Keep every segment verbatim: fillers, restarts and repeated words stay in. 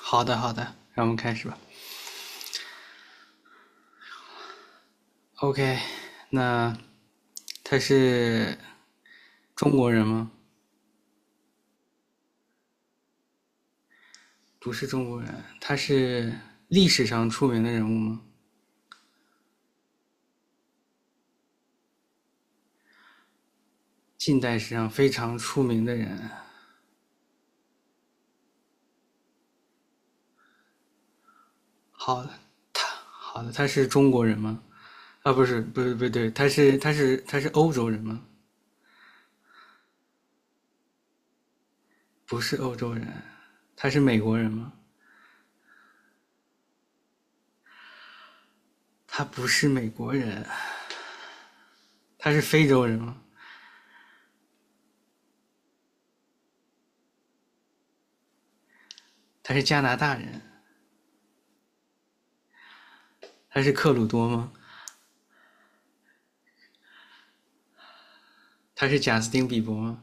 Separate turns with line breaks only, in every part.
好的，好的，让我们开始吧。OK，那他是中国人吗？不是中国人，他是历史上出名的人物吗？近代史上非常出名的人。好的，他好的，他是中国人吗？啊，不是，不是，不对，他是他是他是欧洲人吗？不是欧洲人，他是美国人吗？他不是美国人，他是非洲人吗？他是加拿大人？他是克鲁多吗？他是贾斯汀比伯吗？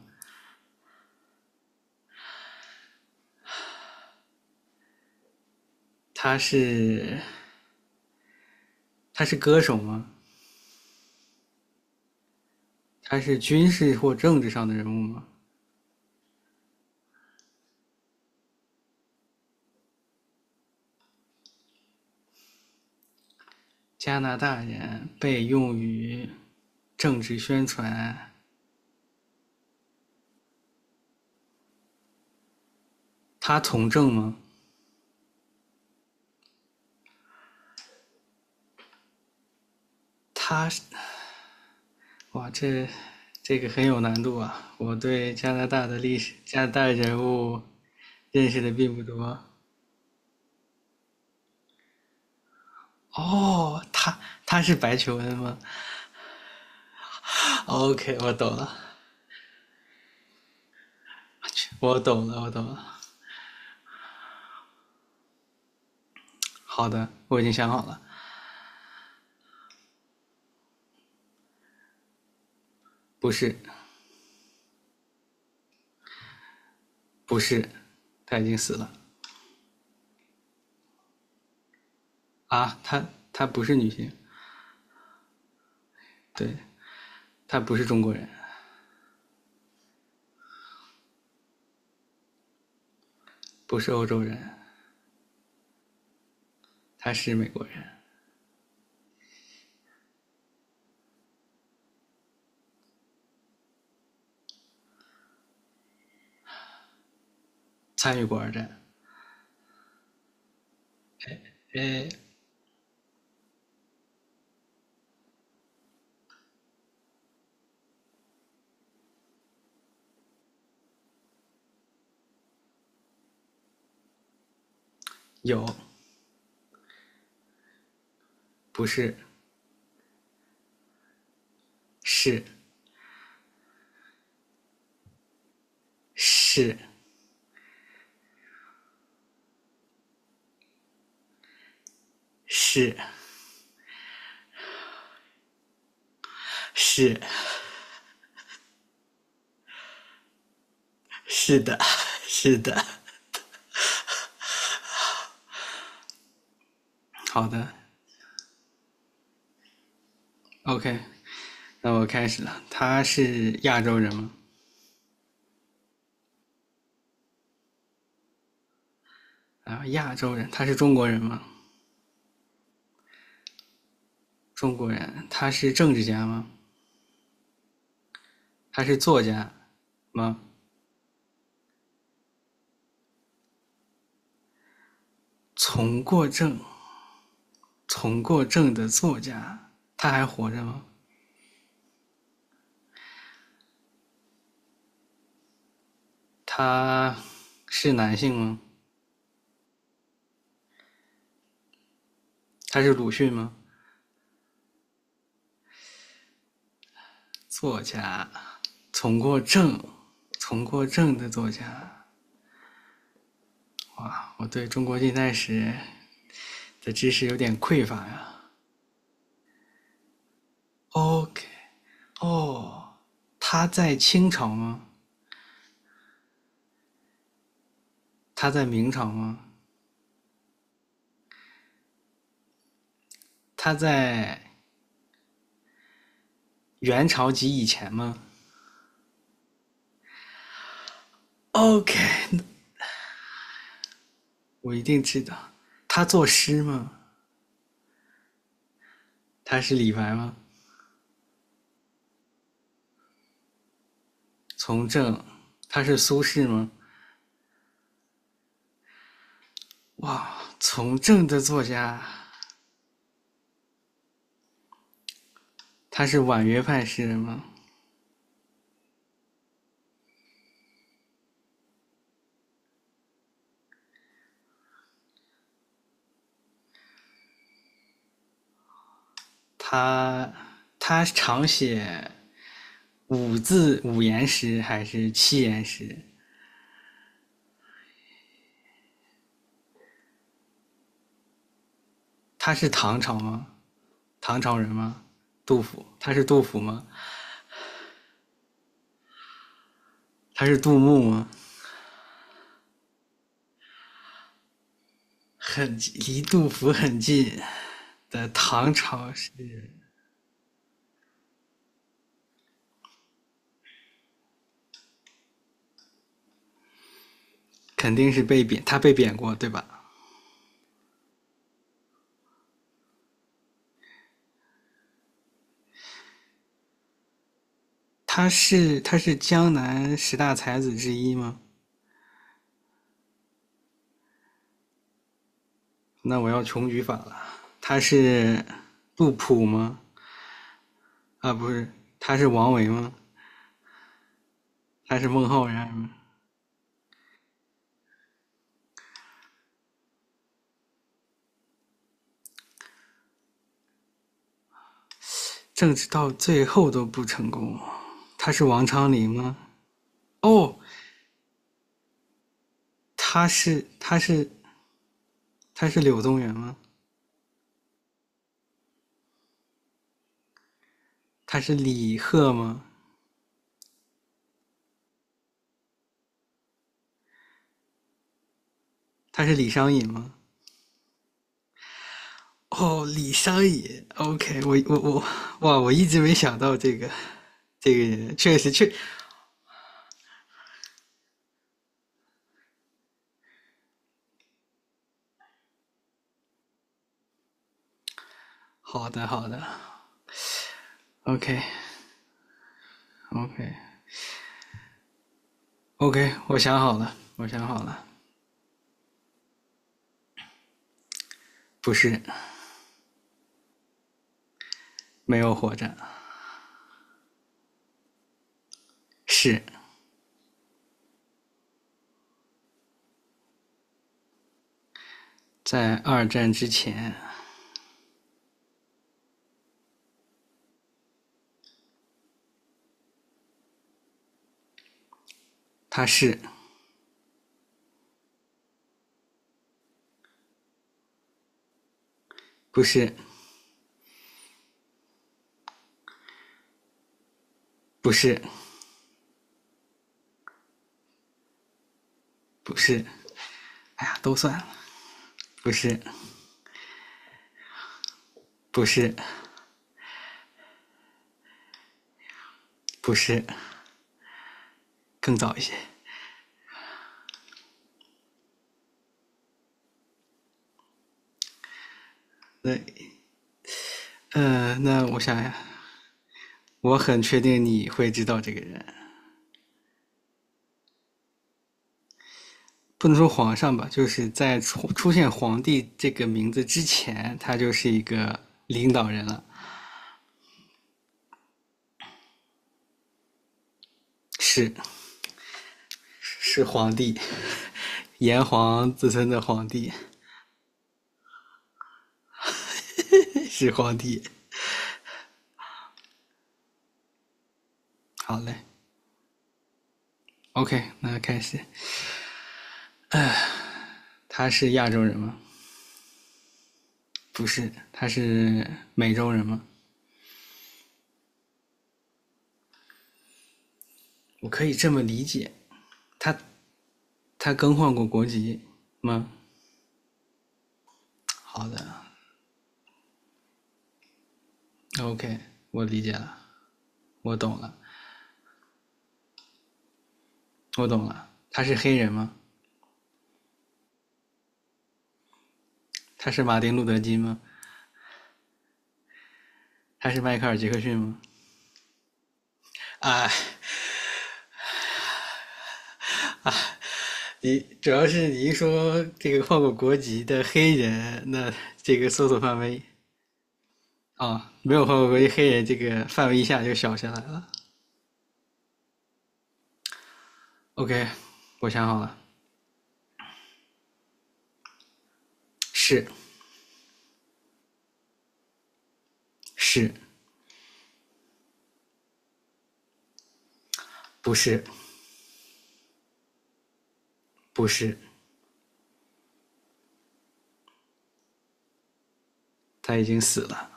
他是他是歌手吗？他是军事或政治上的人物吗？加拿大人被用于政治宣传，他从政吗？他是哇，这这个很有难度啊！我对加拿大的历史、加拿大人物认识的并不多。哦，他他是白求恩吗？OK，我懂了，我懂了，我懂了。好的，我已经想好了，不是，不是，他已经死了。啊，她她不是女性，对，她不是中国人，不是欧洲人，她是美国人，参与过二战，有，不是，是是是是，是的，是的，好的，OK，那我开始了。她是亚洲人吗？啊，亚洲人，她是中国人吗？中国人，她是政治家吗？她是作家吗？从过政，从过政的作家，她还活着吗？他是男性吗？他是鲁迅吗？作家，从过正，从过正的作家。哇，我对中国近代史的知识有点匮乏呀。OK，哦，他在清朝吗？他在明朝吗？他在元朝及以前吗？OK，我一定知道。他作诗吗？他是李白吗？从政，他是苏轼吗？从政的作家他是婉约派诗人吗？他他常写五字五言诗还是七言诗？他是唐朝吗？唐朝人吗？杜甫，他是杜甫吗？他是杜牧吗？很离杜甫很近的唐朝诗人，肯定是被贬，他被贬过，对吧？他是他是江南十大才子之一吗？那我要穷举法了。他是杜甫吗？啊，不是，他是王维吗？还是孟浩然吗？政治到最后都不成功，他是王昌龄吗？哦，他是他是他是柳宗元吗？他是李贺吗？他是李商隐吗？哦，李商隐，OK，我我我，哇，我一直没想到这个这个人，确实确，好的好的，OK OK OK，我想好了，我想好了，不是没有活着，是在二战之前，他是不是不是，不是，哎呀，都算了，不是，不是，不是，更早一些。那，呃，那我想想，我很确定你会知道这个人，不能说皇上吧，就是在出出现"皇帝"这个名字之前，他就是一个领导人了，是是皇帝，炎黄子孙的皇帝，是皇帝。好嘞，OK，那开始。他是亚洲人吗？不是，他是美洲人吗？我可以这么理解，他他更换过国籍吗？好的，OK，我理解了，我懂了，我懂了。他是黑人吗？他是马丁路德金吗？他是迈克尔杰克逊吗？啊，你主要是你一说这个换过国籍的黑人，那这个搜索范围啊，哦没有换过国籍黑人这个范围一下就小下来了。OK，我想好了，是是，不是不是，他已经死了。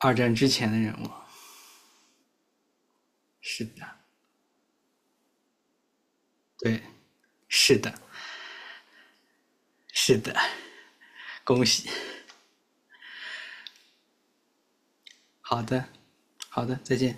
二战之前的人物，是的，对。是的，是的，恭喜！好的，好的，再见。